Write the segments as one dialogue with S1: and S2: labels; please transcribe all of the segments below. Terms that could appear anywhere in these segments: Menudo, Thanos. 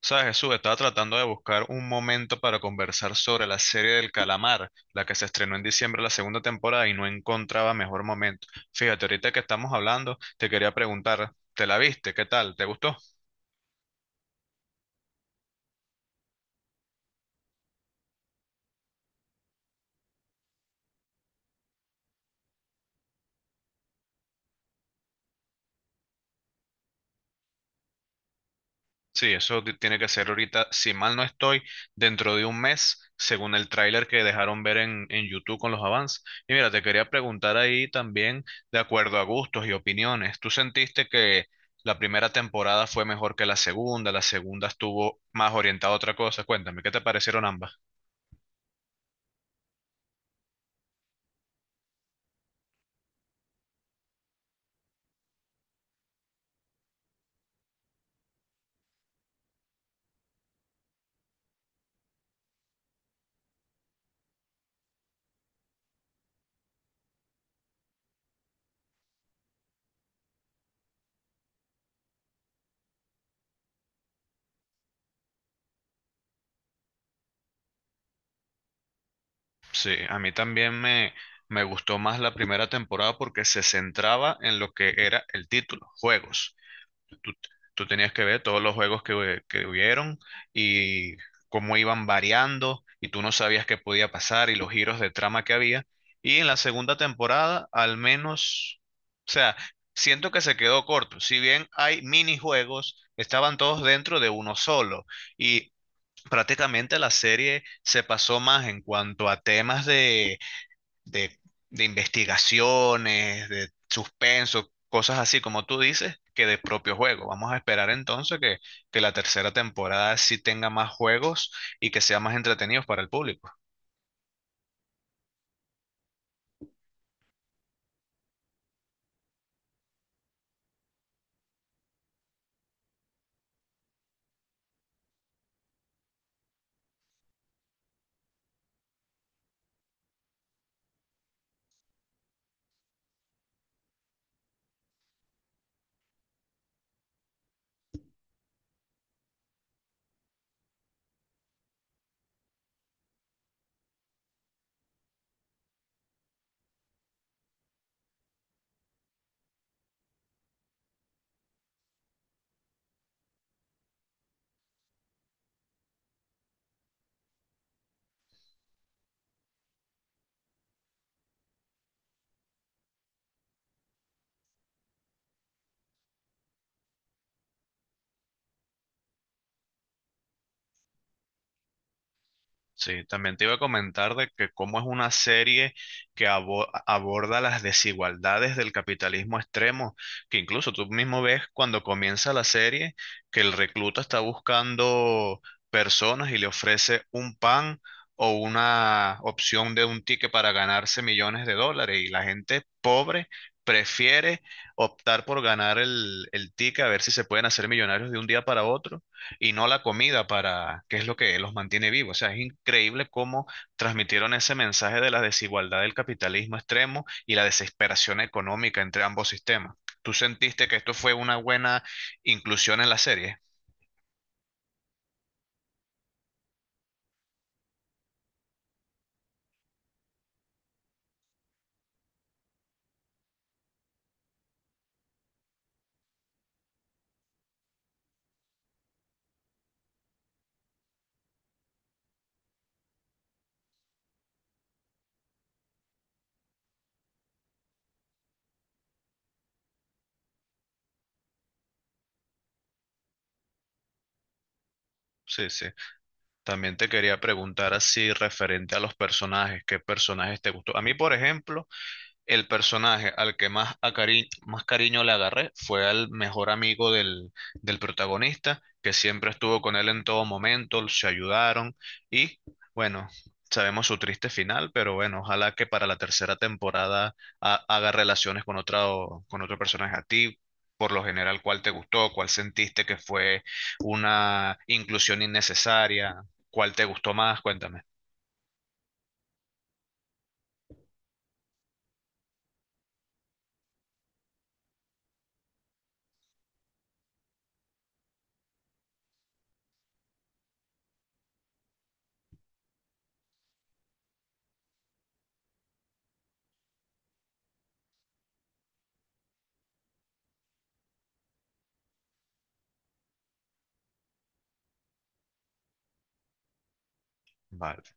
S1: Sabes, Jesús, estaba tratando de buscar un momento para conversar sobre la serie del calamar, la que se estrenó en diciembre la segunda temporada y no encontraba mejor momento. Fíjate, ahorita que estamos hablando, te quería preguntar, ¿te la viste? ¿Qué tal? ¿Te gustó? Sí, eso tiene que ser ahorita, si mal no estoy, dentro de un mes, según el tráiler que dejaron ver en YouTube con los avances. Y mira, te quería preguntar ahí también, de acuerdo a gustos y opiniones, ¿tú sentiste que la primera temporada fue mejor que la segunda? La segunda estuvo más orientada a otra cosa. Cuéntame, ¿qué te parecieron ambas? Sí, a mí me gustó más la primera temporada porque se centraba en lo que era el título, juegos. tú, tú tenías que ver todos los juegos que hubieron y cómo iban variando y tú no sabías qué podía pasar y los giros de trama que había. Y en la segunda temporada, al menos, o sea, siento que se quedó corto. Si bien hay minijuegos, estaban todos dentro de uno solo. Y prácticamente la serie se pasó más en cuanto a temas de, de investigaciones, de suspenso, cosas así como tú dices, que de propio juego. Vamos a esperar entonces que la tercera temporada sí tenga más juegos y que sea más entretenidos para el público. Sí, también te iba a comentar de que cómo es una serie que aborda las desigualdades del capitalismo extremo, que incluso tú mismo ves cuando comienza la serie que el recluta está buscando personas y le ofrece un pan o una opción de un ticket para ganarse millones de dólares y la gente pobre prefiere optar por ganar el ticket a ver si se pueden hacer millonarios de un día para otro y no la comida para qué es lo que los mantiene vivos. O sea, es increíble cómo transmitieron ese mensaje de la desigualdad del capitalismo extremo y la desesperación económica entre ambos sistemas. ¿Tú sentiste que esto fue una buena inclusión en la serie? Sí, sí. También te quería preguntar así referente a los personajes, ¿qué personajes te gustó? A mí, por ejemplo, el personaje al que más, más cariño le agarré fue al mejor amigo del protagonista, que siempre estuvo con él en todo momento, se ayudaron y bueno, sabemos su triste final, pero bueno, ojalá que para la tercera temporada haga relaciones con otra, o- con otro personaje a ti. Por lo general, ¿cuál te gustó? ¿Cuál sentiste que fue una inclusión innecesaria? ¿Cuál te gustó más? Cuéntame. Vale.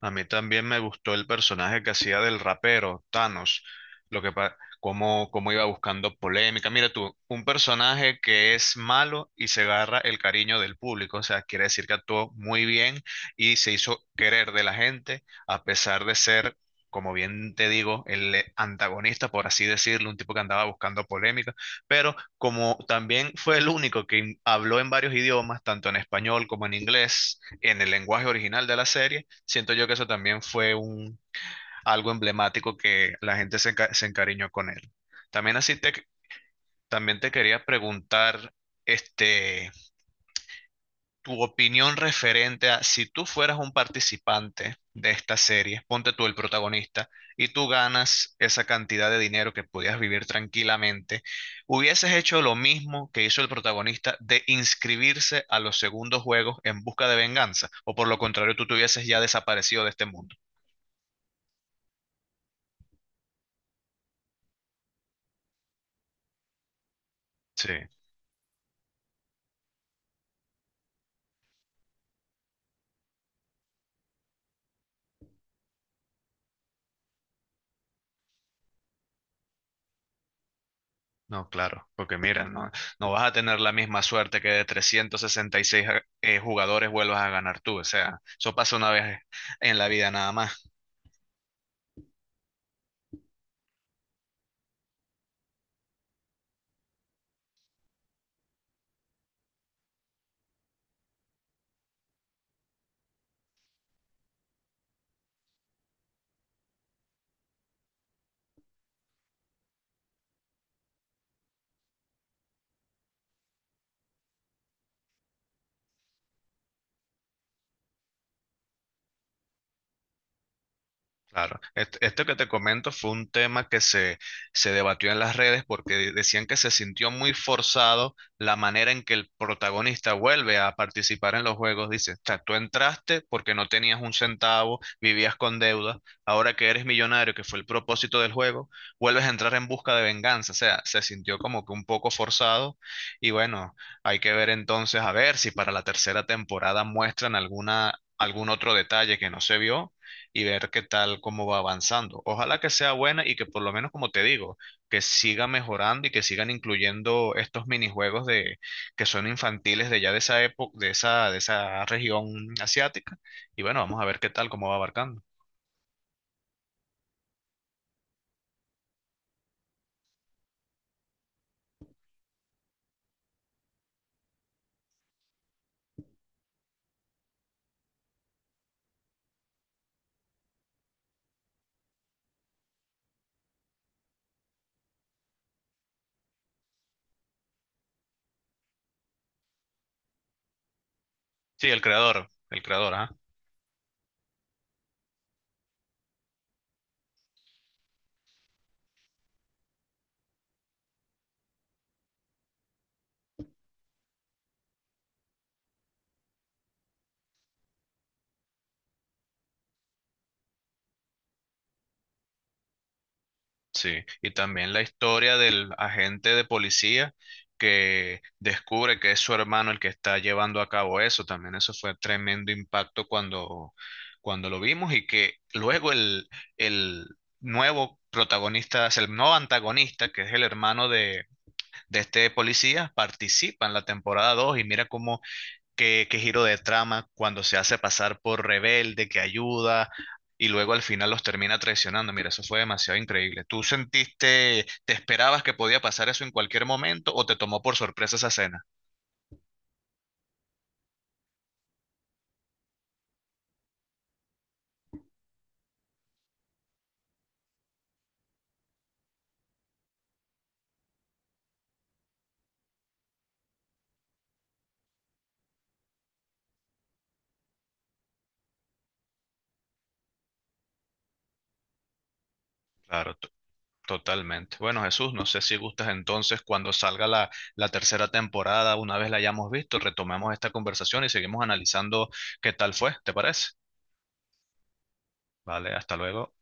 S1: A mí también me gustó el personaje que hacía del rapero, Thanos, lo que cómo, cómo iba buscando polémica. Mira tú, un personaje que es malo y se agarra el cariño del público, o sea, quiere decir que actuó muy bien y se hizo querer de la gente, a pesar de ser, como bien te digo, el antagonista, por así decirlo, un tipo que andaba buscando polémica, pero como también fue el único que habló en varios idiomas, tanto en español como en inglés, en el lenguaje original de la serie siento yo que eso también fue algo emblemático que la gente se encariñó con él. También así te, también te quería preguntar, este, tu opinión referente a si tú fueras un participante de esta serie, ponte tú el protagonista, y tú ganas esa cantidad de dinero que podías vivir tranquilamente, ¿hubieses hecho lo mismo que hizo el protagonista de inscribirse a los segundos juegos en busca de venganza? ¿O por lo contrario, tú te hubieses ya desaparecido de este mundo? Sí. No, claro, porque mira, no, no vas a tener la misma suerte que de 366 jugadores vuelvas a ganar tú. O sea, eso pasa una vez en la vida nada más. Claro, esto que te comento fue un tema que se debatió en las redes porque decían que se sintió muy forzado la manera en que el protagonista vuelve a participar en los juegos. Dice, o sea, tú entraste porque no tenías un centavo, vivías con deuda, ahora que eres millonario, que fue el propósito del juego, vuelves a entrar en busca de venganza. O sea, se sintió como que un poco forzado y bueno, hay que ver entonces a ver si para la tercera temporada muestran alguna, algún otro detalle que no se vio y ver qué tal, cómo va avanzando. Ojalá que sea buena y que por lo menos, como te digo, que siga mejorando y que sigan incluyendo estos minijuegos de, que son infantiles de ya de esa época, de esa región asiática. Y bueno, vamos a ver qué tal, cómo va abarcando. Sí, el creador, ajá. Sí, y también la historia del agente de policía que descubre que es su hermano el que está llevando a cabo eso, también eso fue tremendo impacto cuando lo vimos y que luego el nuevo protagonista, es el nuevo antagonista, que es el hermano de este policía, participa en la temporada 2 y mira cómo qué giro de trama cuando se hace pasar por rebelde, que ayuda y luego al final los termina traicionando. Mira, eso fue demasiado increíble. ¿Tú sentiste, te esperabas que podía pasar eso en cualquier momento o te tomó por sorpresa esa escena? Claro, totalmente. Bueno, Jesús, no sé si gustas entonces cuando salga la tercera temporada, una vez la hayamos visto, retomemos esta conversación y seguimos analizando qué tal fue, ¿te parece? Vale, hasta luego.